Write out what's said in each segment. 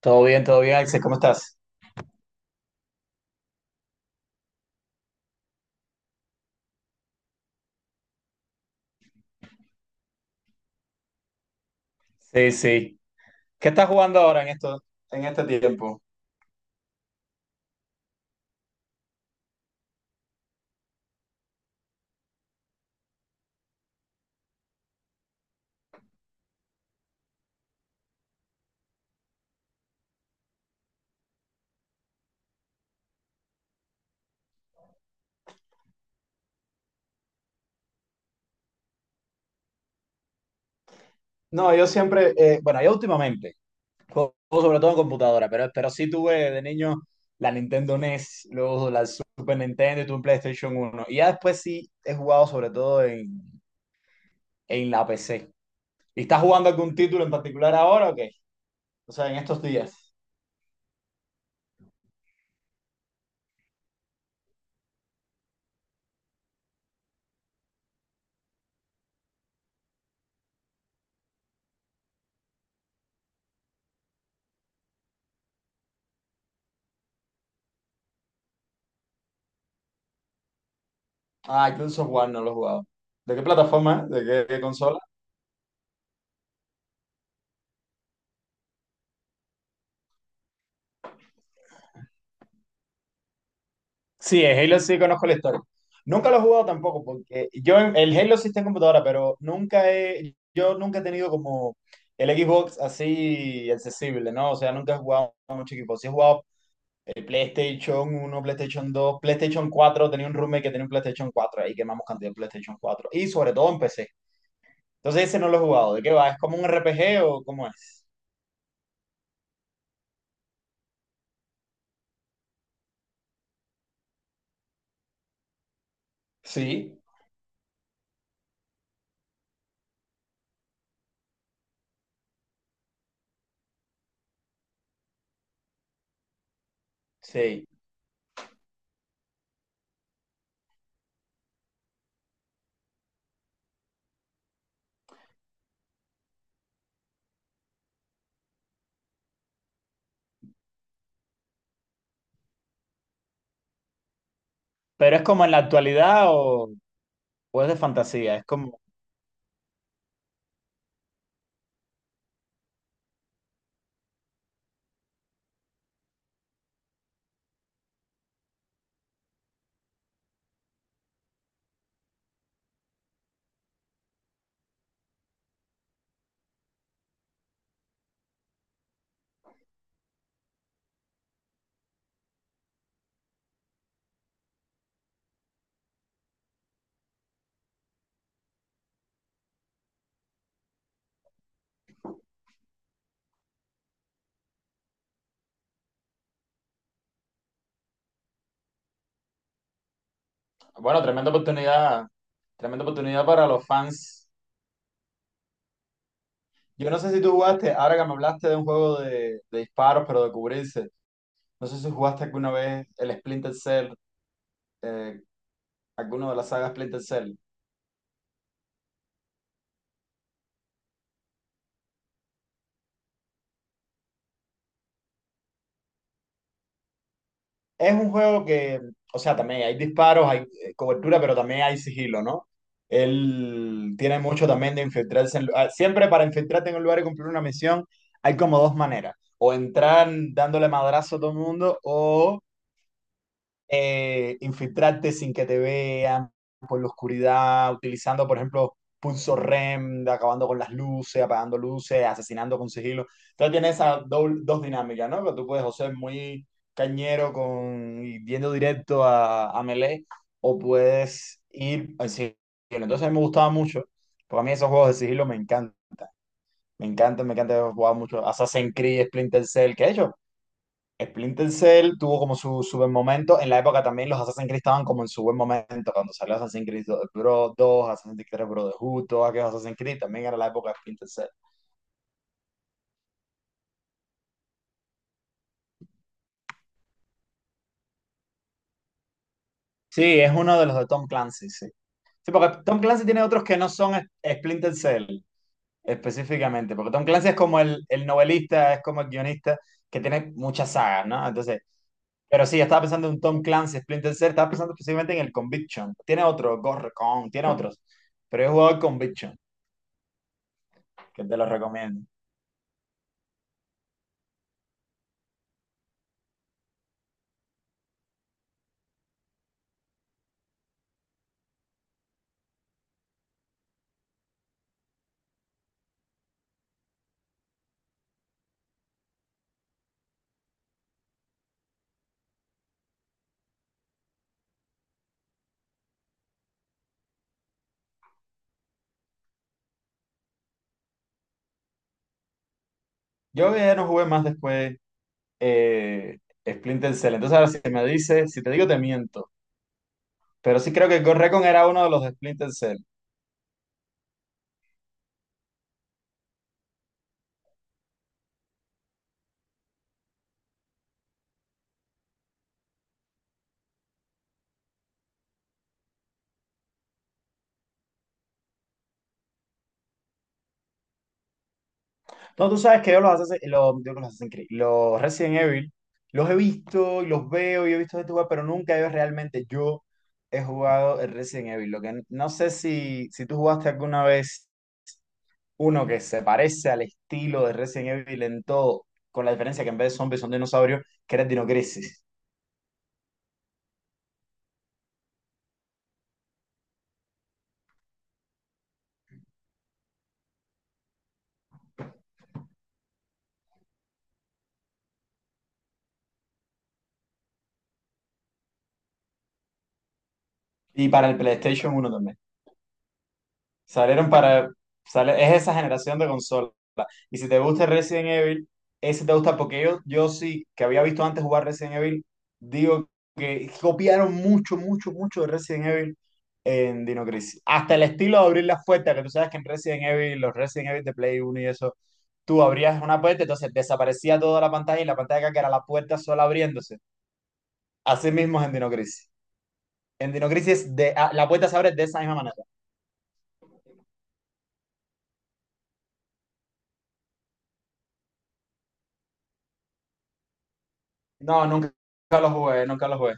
Todo bien, Axel, ¿cómo estás? Sí, sí. ¿Qué estás jugando ahora en esto, en este tiempo? No, yo siempre, yo últimamente juego sobre todo en computadora, pero sí tuve de niño la Nintendo NES, luego la Super Nintendo y tuve un PlayStation uno. Y ya después sí he jugado sobre todo en la PC. ¿Y estás jugando algún título en particular ahora o qué? O sea, en estos días. Ah, Gears of War no lo he jugado. ¿De qué plataforma? ¿Qué consola? Sí, el Halo sí conozco la historia. Nunca lo he jugado tampoco, porque el Halo sí está en computadora, pero nunca he, yo nunca he tenido como el Xbox así accesible, ¿no? O sea, nunca he jugado mucho equipo. Sí he jugado el PlayStation uno, PlayStation dos, PlayStation cuatro. Tenía un roommate que tenía un PlayStation cuatro, ahí quemamos cantidad de PlayStation cuatro. Y sobre todo en PC. Entonces ese no lo he jugado. ¿De qué va? ¿Es como un RPG o cómo es? Sí. Sí. Pero es como en la actualidad o es de fantasía, es... Bueno, tremenda oportunidad para los fans. Yo no sé si tú jugaste, ahora que me hablaste de un juego de disparos, pero de cubrirse, no sé si jugaste alguna vez el Splinter Cell, eh, alguno de las sagas Splinter Cell. Es un juego que, o sea, también hay disparos, hay cobertura, pero también hay sigilo, ¿no? Él tiene mucho también de infiltrarse. Siempre para infiltrarte en un lugar y cumplir una misión, hay como dos maneras. O entrar dándole madrazo a todo el mundo, o infiltrarte sin que te vean por la oscuridad, utilizando, por ejemplo, pulso REM, de acabando con las luces, apagando luces, asesinando con sigilo. Entonces tiene dos dinámicas, ¿no? Que tú puedes o ser muy cañero con y yendo directo a melee, o puedes ir al sigilo. Entonces a mí me gustaba mucho, porque a mí esos juegos de sigilo me encantan. Me encantan, me encanta jugar mucho Assassin's Creed, Splinter Cell, que de hecho, Splinter Cell tuvo como su buen momento. En la época también los Assassin's Creed estaban como en su buen momento. Cuando salió Assassin's Creed 2, 2 Assassin's Creed 3 Brotherhood, todos aquellos Assassin's Creed, también era la época de Splinter Cell. Sí, es uno de los de Tom Clancy, sí. Sí, porque Tom Clancy tiene otros que no son es- Splinter Cell específicamente, porque Tom Clancy es como el novelista, es como el guionista que tiene muchas sagas, ¿no? Entonces, pero sí, estaba pensando en un Tom Clancy, Splinter Cell, estaba pensando específicamente en el Conviction. Tiene otro, Ghost Recon, tiene otros, pero yo he jugado el Conviction. Que te lo recomiendo. Yo ya no jugué más después eh, Splinter Cell. Entonces, ahora si me dices, si te digo, te miento. Pero sí creo que Ghost Recon era uno de los de Splinter Cell. No, tú sabes que yo los, digo los Assassin's Creed, los Resident Evil, los he visto y los veo y he visto gente jugar, pero nunca yo realmente yo he jugado el Resident Evil. Lo que no sé si tú jugaste alguna vez uno que se parece al estilo de Resident Evil en todo, con la diferencia que en vez de zombies son dinosaurios, que era el Dino Crisis. Y para el PlayStation uno también. Salieron para... Sale, es esa generación de consolas. Y si te gusta Resident Evil, ese te gusta porque yo sí, que había visto antes jugar Resident Evil, digo que copiaron mucho, mucho, mucho de Resident Evil en Dino Crisis. Hasta el estilo de abrir las puertas, que tú sabes que en Resident Evil, los Resident Evil de Play Uno y eso, tú abrías una puerta, entonces desaparecía toda la pantalla y la pantalla de acá, que era la puerta sola abriéndose. Así mismo es en Dino Crisis. En Dino Crisis la puerta se abre de esa misma manera. No, nunca lo jugué, nunca lo jugué.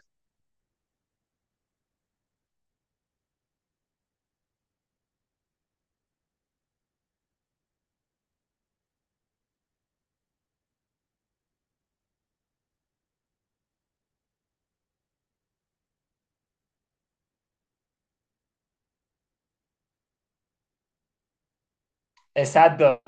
Exacto.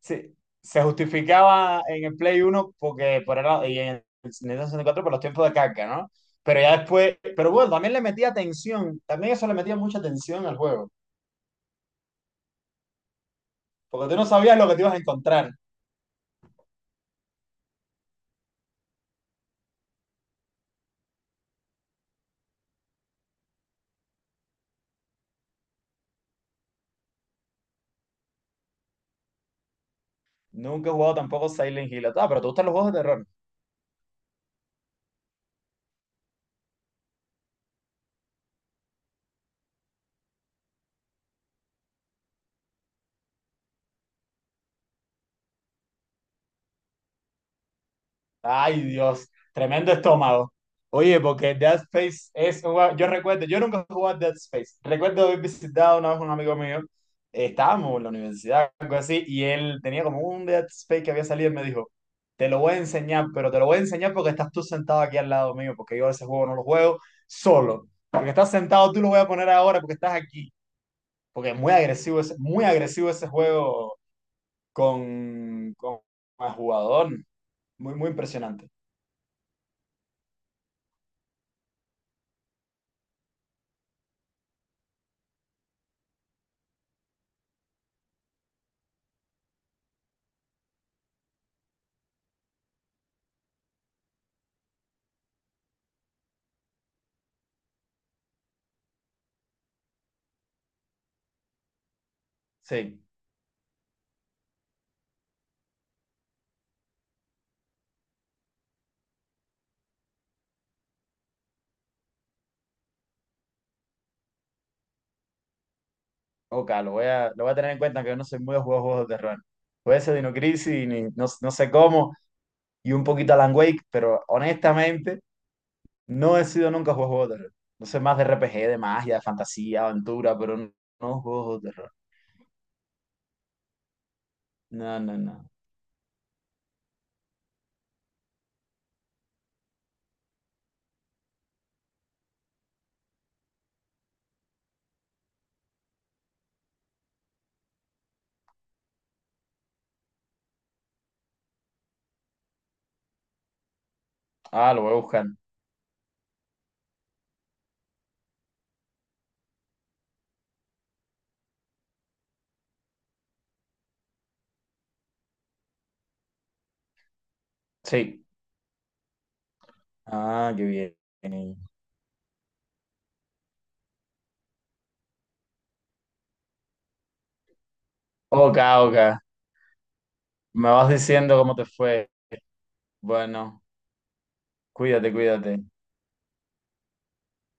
Sí, se justificaba en el Play uno y en el Nintendo 64 por los tiempos de carga, ¿no? Pero ya después, pero bueno, también le metía tensión, también eso le metía mucha tensión al juego, porque tú no sabías lo que te ibas a encontrar. Nunca he jugado tampoco Silent Hill, ah, pero te gustan los juegos de terror. Ay, Dios, tremendo estómago. Oye, porque Dead Space es un juego... Yo recuerdo, yo nunca jugué a Dead Space. Recuerdo haber visitado una vez un amigo mío, estábamos en la universidad, algo así, y él tenía como un Dead Space que había salido y me dijo: te lo voy a enseñar, pero te lo voy a enseñar porque estás tú sentado aquí al lado mío, porque yo ese juego no lo juego solo. Porque estás sentado, tú lo voy a poner ahora porque estás aquí. Porque es muy agresivo ese juego con el jugador. Muy, muy impresionante. Sí. Ok, lo voy a tener en cuenta, que yo no soy muy de juegos, juegos de terror. Puede ser Dino Crisis, ni- no, no sé cómo, y un poquito Alan Wake, pero honestamente no he sido nunca juegos de terror. No sé, más de RPG, de magia, de fantasía, aventura, pero no, no juegos de terror. No, no, no. Ah, lo voy a buscar. Sí. Ah, qué bien. Ok, ok. Me vas diciendo cómo te fue. Bueno, cuídate, cuídate.